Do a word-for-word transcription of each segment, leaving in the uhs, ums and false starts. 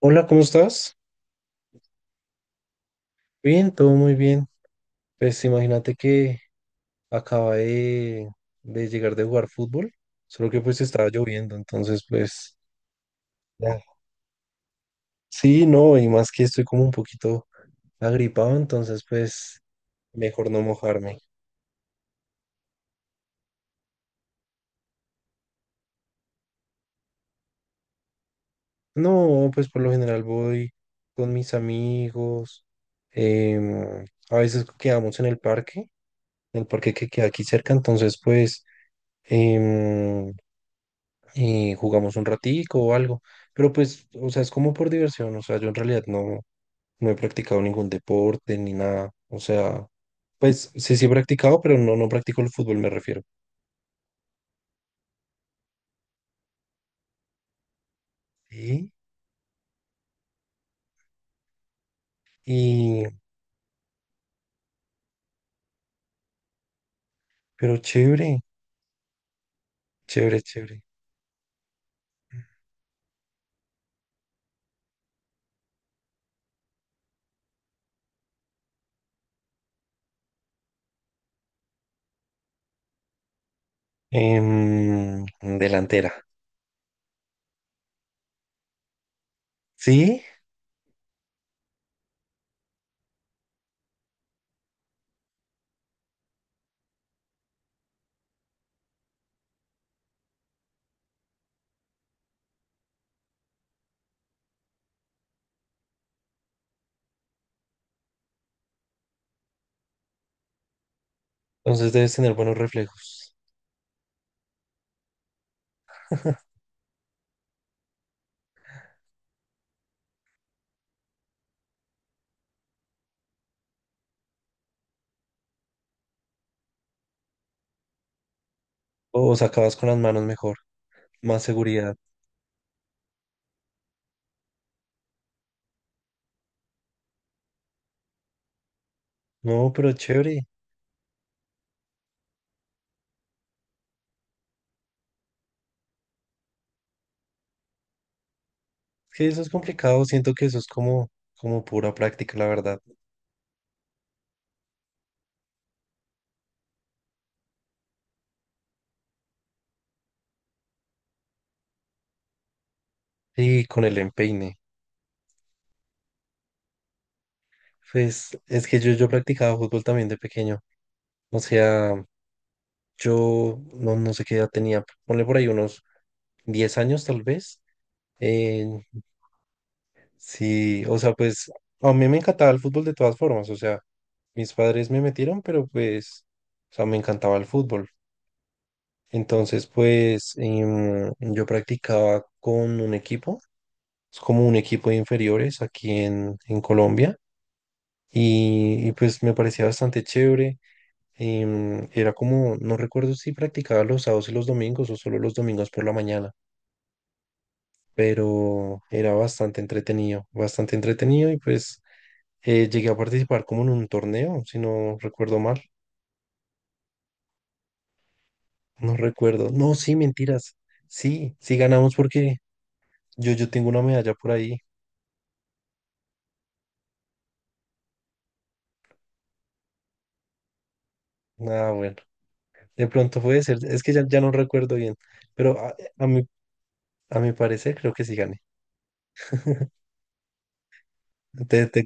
Hola, ¿cómo estás? Bien, todo muy bien. Pues imagínate que acaba de, de llegar de jugar fútbol, solo que pues estaba lloviendo, entonces pues ya. Sí, no, y más que estoy como un poquito agripado, entonces pues mejor no mojarme. No, pues por lo general voy con mis amigos, em, a veces quedamos en el parque, en el parque que queda aquí cerca, entonces pues. em, eh, Jugamos un ratico o algo, pero pues, o sea, es como por diversión, o sea, yo en realidad no, no he practicado ningún deporte ni nada, o sea, pues sí, sí he practicado, pero no, no practico el fútbol, me refiero. Sí. Y, pero chévere, chévere, chévere. Em, Delantera, ¿sí? Entonces debes tener buenos reflejos, o sea, acabas con las manos mejor, más seguridad. No, pero chévere, es que eso es complicado, siento que eso es como, como pura práctica, la verdad, sí con el empeine. Pues es que yo, yo practicaba fútbol también de pequeño. O sea, yo no, no sé qué edad tenía. Ponle por ahí unos diez años tal vez. Eh, sí, o sea, pues a mí me encantaba el fútbol de todas formas. O sea, mis padres me metieron, pero pues, o sea, me encantaba el fútbol. Entonces, pues em, yo practicaba con un equipo. Es como un equipo de inferiores aquí en, en Colombia. Y, y pues me parecía bastante chévere. Em, era como, no recuerdo si practicaba los sábados y los domingos o solo los domingos por la mañana, pero era bastante entretenido, bastante entretenido y pues eh, llegué a participar como en un torneo, si no recuerdo mal, no recuerdo, no, sí, mentiras, sí, sí ganamos porque yo, yo tengo una medalla por ahí, ah, bueno, de pronto puede ser, es que ya, ya no recuerdo bien, pero a, a mi, a mi parecer creo que sí gané. Te- te-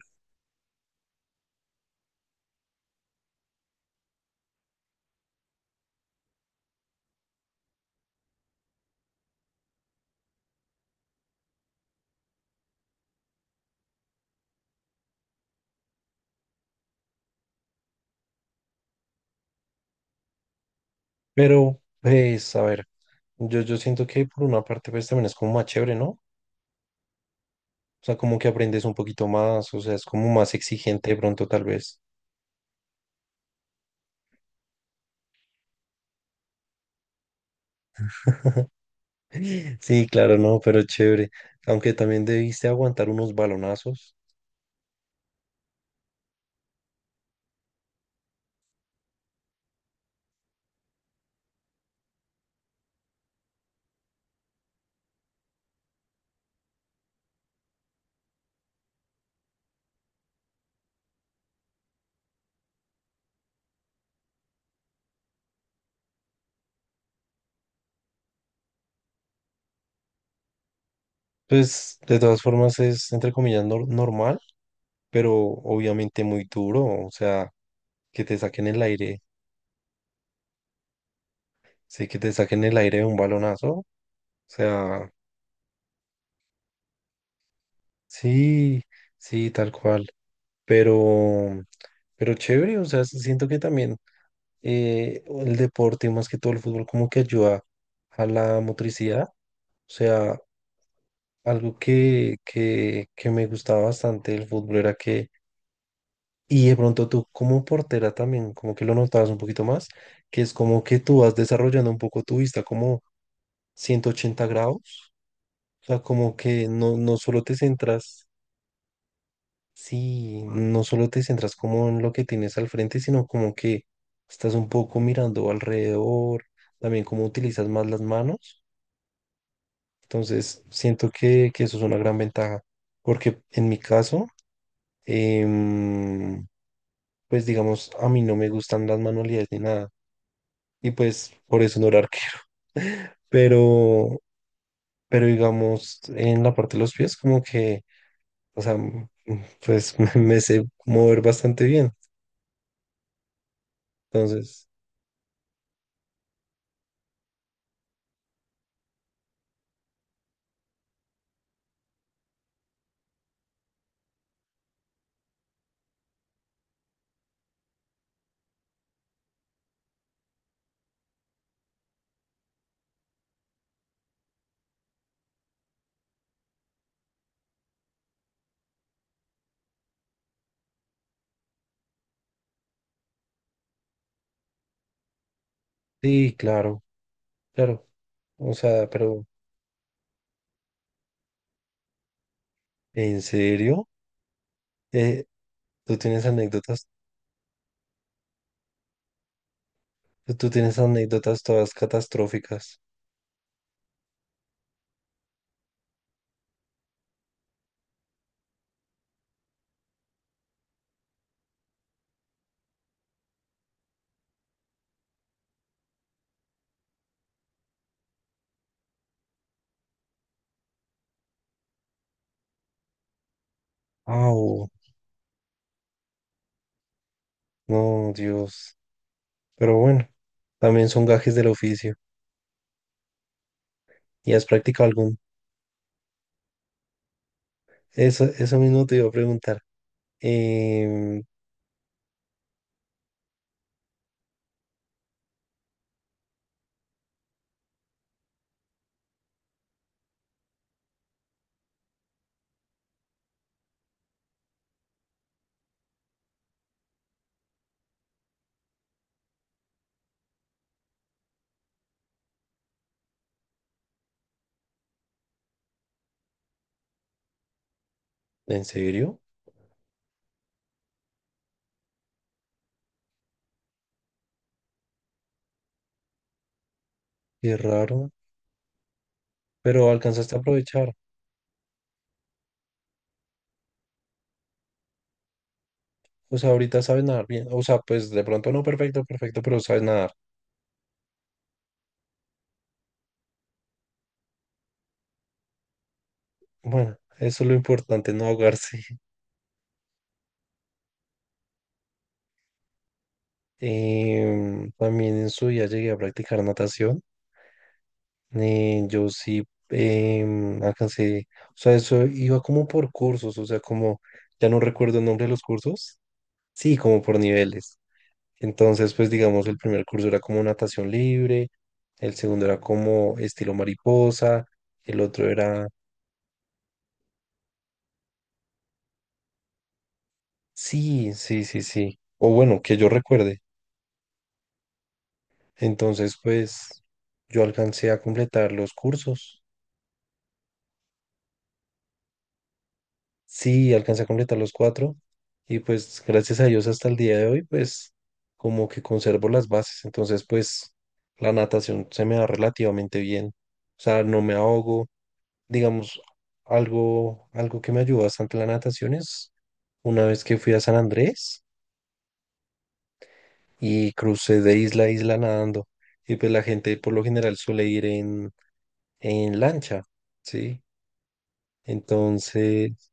pero pues a ver. Yo, yo siento que por una parte pues también es como más chévere, ¿no? O sea, como que aprendes un poquito más, o sea, es como más exigente de pronto tal vez. Sí, claro, no, pero chévere. Aunque también debiste aguantar unos balonazos. Pues de todas formas es entre comillas nor- normal, pero obviamente muy duro, o sea, que te saquen el aire, sí, que te saquen el aire de un balonazo, o sea, sí, sí, tal cual. Pero, pero chévere, o sea, siento que también eh, el deporte, más que todo el fútbol, como que ayuda a la motricidad. O sea, algo que, que, que me gustaba bastante del fútbol era que, y de pronto tú como portera también, como que lo notabas un poquito más, que es como que tú vas desarrollando un poco tu vista como ciento ochenta grados. O sea, como que no, no solo te centras, sí, no solo te centras como en lo que tienes al frente, sino como que estás un poco mirando alrededor, también como utilizas más las manos. Entonces, siento que, que eso es una gran ventaja, porque en mi caso, em, pues digamos, a mí no me gustan las manualidades ni nada, y pues por eso no era arquero. Pero, pero digamos, en la parte de los pies, como que, o sea, m- m- pues me, me sé mover bastante bien. Entonces, sí, claro, claro. O sea, pero, ¿en serio? Eh, tú tienes anécdotas, tú tienes anécdotas todas catastróficas. Ah, no, Dios. Pero bueno, también son gajes del oficio. ¿Y has practicado algún? Eso, eso mismo te iba a preguntar. Em, ¿En serio? Qué raro. Pero alcanzaste a aprovechar. O sea, ahorita sabes nadar bien. O sea, pues de pronto no perfecto, perfecto, pero sabes nadar. Bueno, eso es lo importante, no ahogarse. Em, también en su día llegué a practicar natación. Eh, yo sí em, alcancé. O sea, eso iba como por cursos. O sea, como ya no recuerdo el nombre de los cursos. Sí, como por niveles. Entonces, pues digamos, el primer curso era como natación libre, el segundo era como estilo mariposa, el otro era. Sí, sí, sí, sí. O bueno, que yo recuerde. Entonces, pues yo alcancé a completar los cursos. Sí, alcancé a completar los cuatro. Y pues gracias a Dios hasta el día de hoy, pues como que conservo las bases. Entonces, pues la natación se me da relativamente bien. O sea, no me ahogo digamos, algo, algo que me ayudó bastante la natación es una vez que fui a San Andrés y crucé de isla a isla nadando. Y pues la gente por lo general suele ir en, en lancha, ¿sí? Entonces,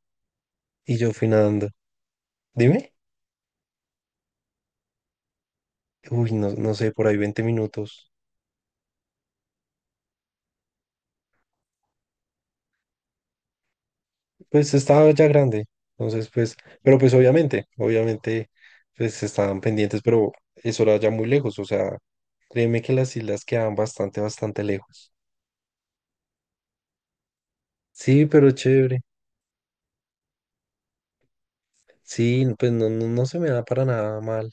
y yo fui nadando. Dime, uy, no, no sé, por ahí veinte minutos. Pues estaba ya grande. Entonces, pues, pero pues obviamente, obviamente, pues estaban pendientes, pero eso era ya muy lejos. O sea, créeme que las islas quedaban bastante, bastante lejos. Sí, pero chévere. Sí, pues no, no, no se me da para nada mal.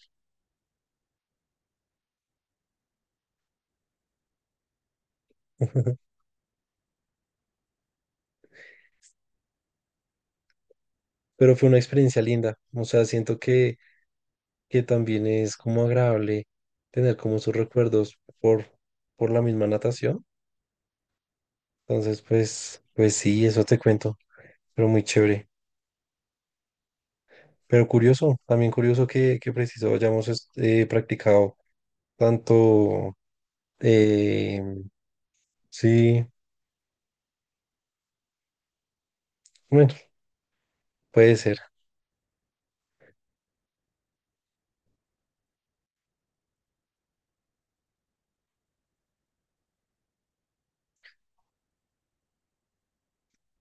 Pero fue una experiencia linda. O sea, siento que, que también es como agradable tener como sus recuerdos por, por la misma natación. Entonces, pues, pues sí, eso te cuento. Pero muy chévere. Pero curioso, también curioso que, que preciso hayamos es- eh, practicado tanto. eh, sí, bueno, puede ser.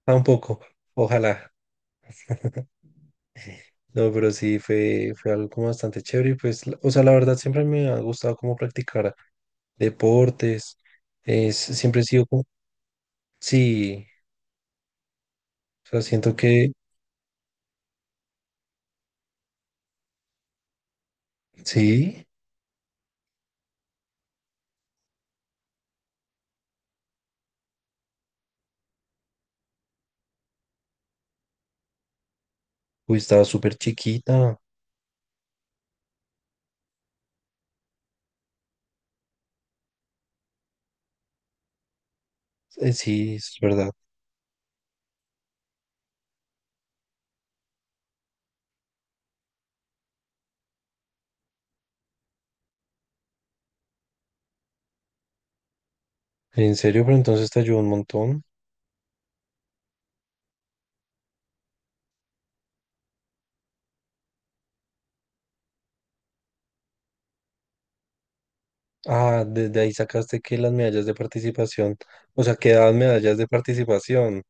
Tampoco. Ojalá. No, pero sí fue, fue, algo como bastante chévere. Y pues, la- o sea, la verdad siempre me ha gustado como practicar deportes. Es, siempre he sido como, sí, o sea, siento que sí, uy, estaba súper chiquita. Eh, sí, es verdad. En serio, pero entonces te ayudó un montón. Ah, desde ahí sacaste que las medallas de participación, o sea, que daban medallas de participación.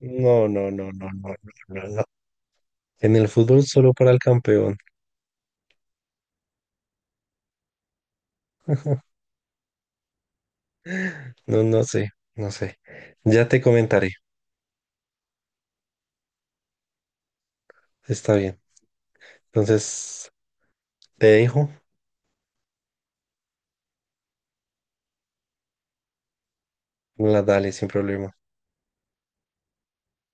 No, no, no, no, no, no, no. No. En el fútbol solo para el campeón. No, no sé, no sé. Ya te comentaré. Está bien. Entonces, te dejo. La dale sin problema.